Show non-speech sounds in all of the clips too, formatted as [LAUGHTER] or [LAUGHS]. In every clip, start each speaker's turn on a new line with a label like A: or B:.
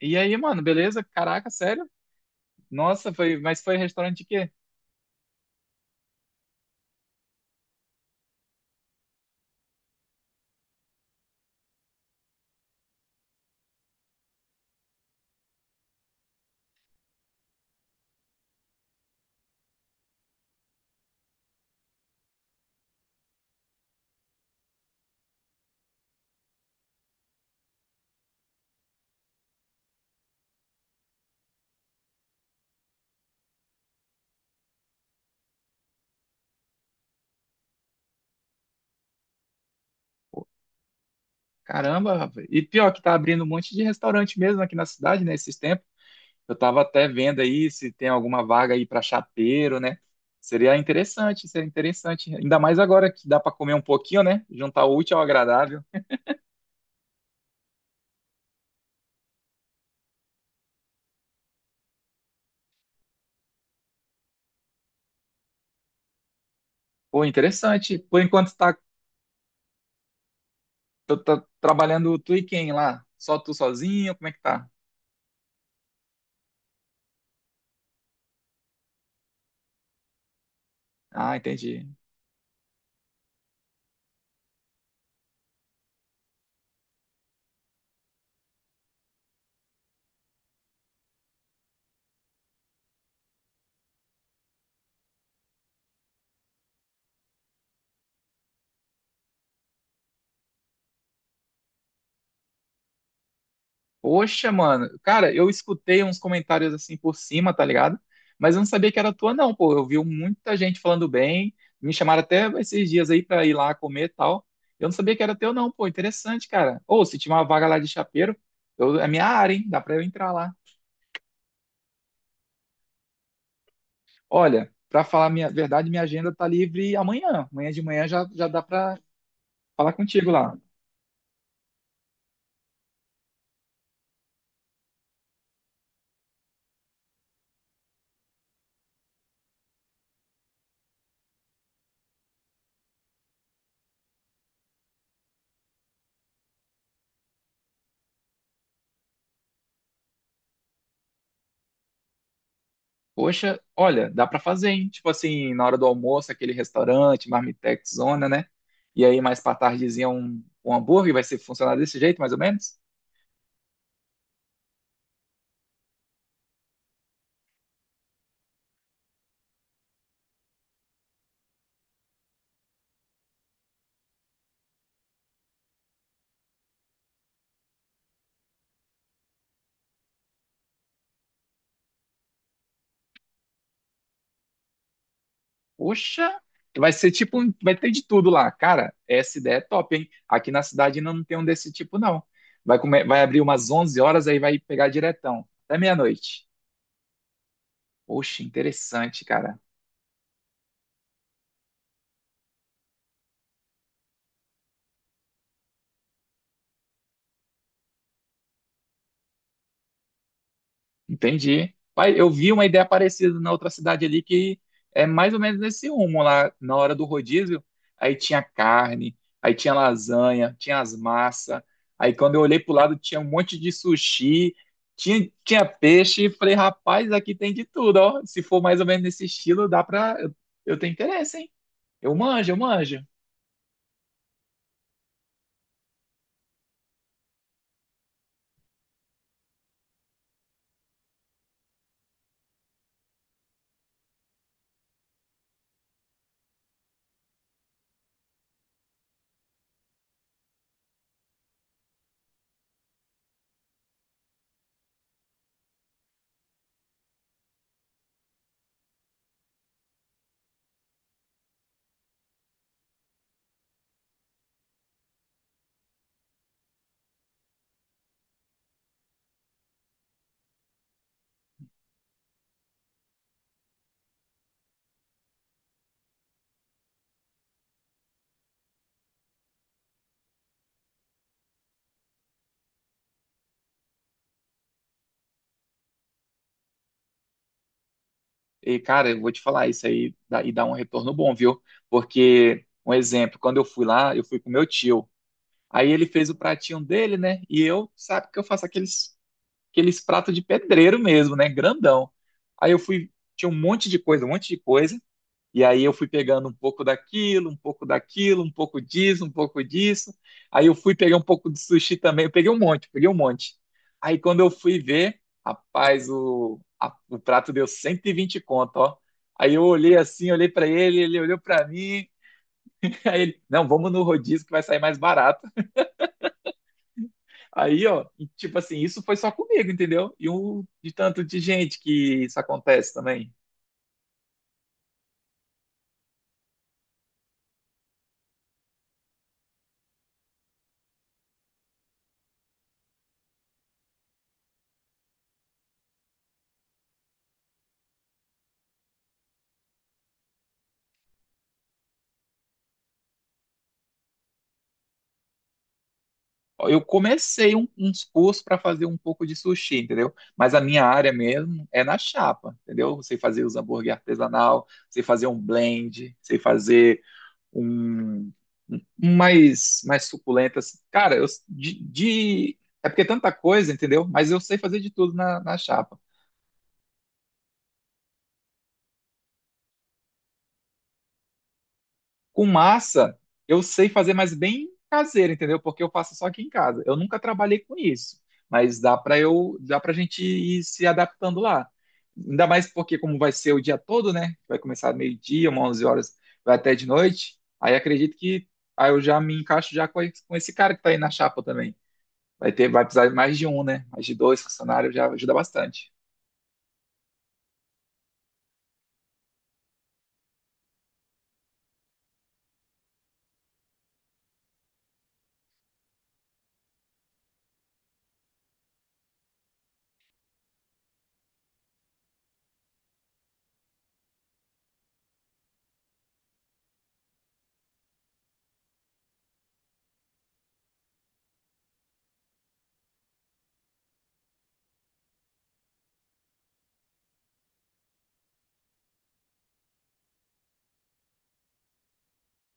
A: E aí, mano, beleza? Caraca, sério? Nossa, foi, mas foi restaurante de quê? Caramba, rapaz. E pior que tá abrindo um monte de restaurante mesmo aqui na cidade, né, esses tempos. Eu tava até vendo aí se tem alguma vaga aí pra chapeiro, né? Seria interessante, seria interessante. Ainda mais agora que dá pra comer um pouquinho, né? Juntar o útil ao agradável. Pô, interessante. Por enquanto tá, tá trabalhando tu e quem lá? Só tu sozinho? Como é que tá? Ah, entendi. Poxa, mano. Cara, eu escutei uns comentários assim por cima, tá ligado? Mas eu não sabia que era tua, não, pô. Eu vi muita gente falando bem. Me chamaram até esses dias aí pra ir lá comer e tal. Eu não sabia que era teu, não, pô. Interessante, cara. Ou se tinha uma vaga lá de chapeiro, é minha área, hein? Dá pra eu entrar lá. Olha, pra falar a minha verdade, minha agenda tá livre amanhã. Amanhã de manhã já dá pra falar contigo lá. Poxa, olha, dá pra fazer, hein? Tipo assim, na hora do almoço, aquele restaurante, Marmitex, zona, né? E aí mais pra tardezinha um hambúrguer, vai ser funcionar desse jeito, mais ou menos? Poxa, vai ser tipo, vai ter de tudo lá. Cara, essa ideia é top, hein? Aqui na cidade ainda não tem um desse tipo, não. Vai, comer, vai abrir umas 11 horas, aí vai pegar diretão, até meia-noite. Poxa, interessante, cara. Entendi. Pai, eu vi uma ideia parecida na outra cidade ali que é mais ou menos nesse rumo lá na hora do rodízio. Aí tinha carne, aí tinha lasanha, tinha as massas. Aí quando eu olhei pro lado tinha um monte de sushi, tinha peixe. E falei, rapaz, aqui tem de tudo, ó. Se for mais ou menos nesse estilo, dá pra. Eu tenho interesse, hein? Eu manjo. E cara, eu vou te falar e dá um retorno bom, viu? Porque, um exemplo, quando eu fui lá, eu fui com meu tio. Aí ele fez o pratinho dele, né? E eu, sabe que eu faço aqueles pratos de pedreiro mesmo, né? Grandão. Aí eu fui, tinha um monte de coisa, um monte de coisa. E aí eu fui pegando um pouco daquilo, um pouco daquilo, um pouco disso, um pouco disso. Aí eu fui pegar um pouco de sushi também. Eu peguei um monte, peguei um monte. Aí quando eu fui ver, rapaz, o prato deu 120 conto, ó. Aí eu olhei assim, olhei pra ele, ele olhou pra mim. [LAUGHS] Aí ele, não, vamos no rodízio que vai sair mais barato. Aí, ó, e, tipo assim, isso foi só comigo, entendeu? E um de tanto de gente que isso acontece também. Ó, eu uns cursos para fazer um pouco de sushi, entendeu? Mas a minha área mesmo é na chapa, entendeu? Sei fazer os hambúrguer artesanal, sei fazer um blend, sei fazer um, um mais suculento. Assim. Cara, é porque é tanta coisa, entendeu? Mas eu sei fazer de tudo na na chapa. Com massa, eu sei fazer, mas bem caseiro, entendeu? Porque eu faço só aqui em casa. Eu nunca trabalhei com isso, mas dá para dá para gente ir se adaptando lá. Ainda mais porque como vai ser o dia todo, né? Vai começar meio-dia, umas 11 horas, vai até de noite. Aí acredito que aí eu já me encaixo já com esse cara que tá aí na chapa também. Vai ter, vai precisar de mais de um, né? Mais de dois funcionários já ajuda bastante.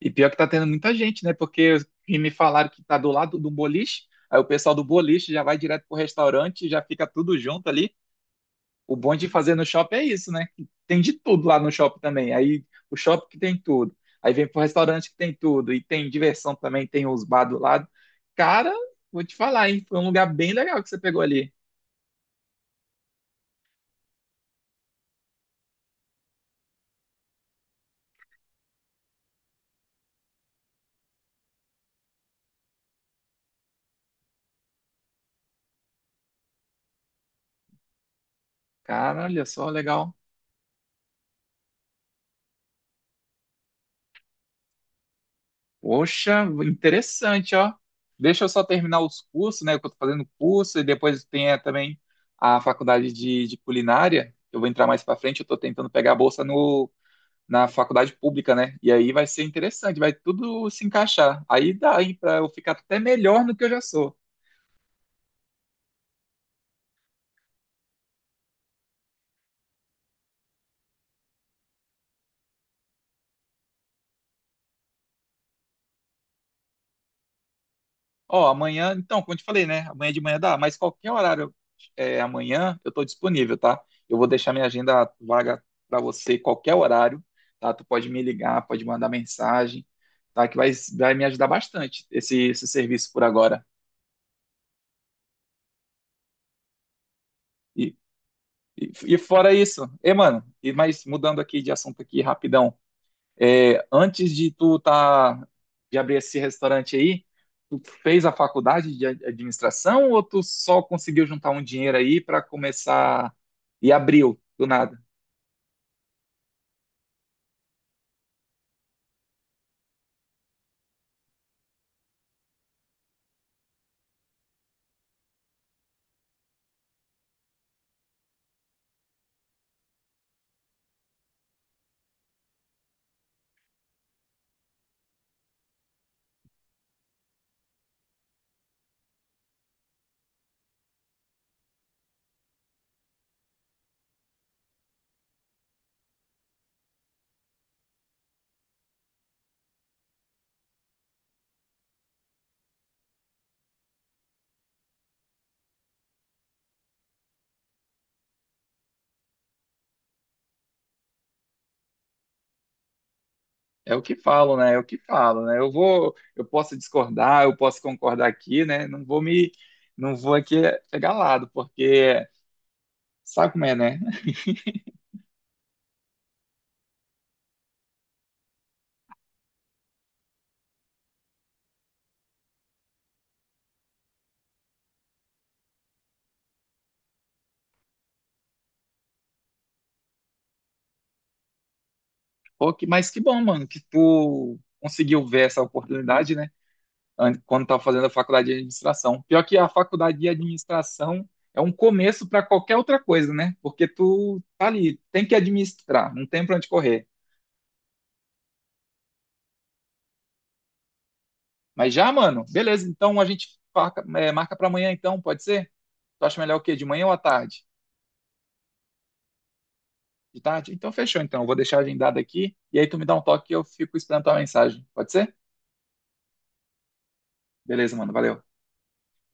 A: E pior que tá tendo muita gente, né? Porque os que me falaram que tá do lado do boliche, aí o pessoal do boliche já vai direto pro restaurante, já fica tudo junto ali. O bom de fazer no shopping é isso, né? Tem de tudo lá no shopping também. Aí o shopping que tem tudo. Aí vem pro restaurante que tem tudo. E tem diversão também, tem os bar do lado. Cara, vou te falar, hein? Foi um lugar bem legal que você pegou ali. Cara, olha só, legal. Poxa, interessante, ó. Deixa eu só terminar os cursos, né? Que eu tô fazendo curso, e depois tem é, também a faculdade de culinária. Que eu vou entrar mais pra frente, eu tô tentando pegar a bolsa no, na faculdade pública, né? E aí vai ser interessante, vai tudo se encaixar. Aí dá, hein, pra eu ficar até melhor do que eu já sou. Ó, amanhã, então, como eu te falei, né? Amanhã de manhã dá, mas qualquer horário é, amanhã eu tô disponível, tá? Eu vou deixar minha agenda vaga para você qualquer horário, tá? Tu pode me ligar, pode mandar mensagem, tá? Que vai, vai me ajudar bastante esse, esse serviço por agora. E, e fora isso, e mano, mas mudando aqui de assunto aqui rapidão, é, antes de de abrir esse restaurante aí, tu fez a faculdade de administração ou tu só conseguiu juntar um dinheiro aí para começar e abriu do nada? É o que falo, né? É o que falo, né? Eu vou, eu posso discordar, eu posso concordar aqui, né? Não vou aqui pegar lado, porque sabe como é, né? Pô, mas que bom, mano, que tu conseguiu ver essa oportunidade, né? Quando estava fazendo a faculdade de administração. Pior que a faculdade de administração é um começo para qualquer outra coisa, né? Porque tu tá ali, tem que administrar, não tem para onde correr. Mas já, mano, beleza, então a gente marca, é, marca para amanhã, então, pode ser? Tu acha melhor o quê? De manhã ou à tarde? De tarde? Então fechou, então. Eu vou deixar agendado aqui e aí tu me dá um toque e eu fico esperando tua mensagem. Pode ser? Beleza, mano, valeu.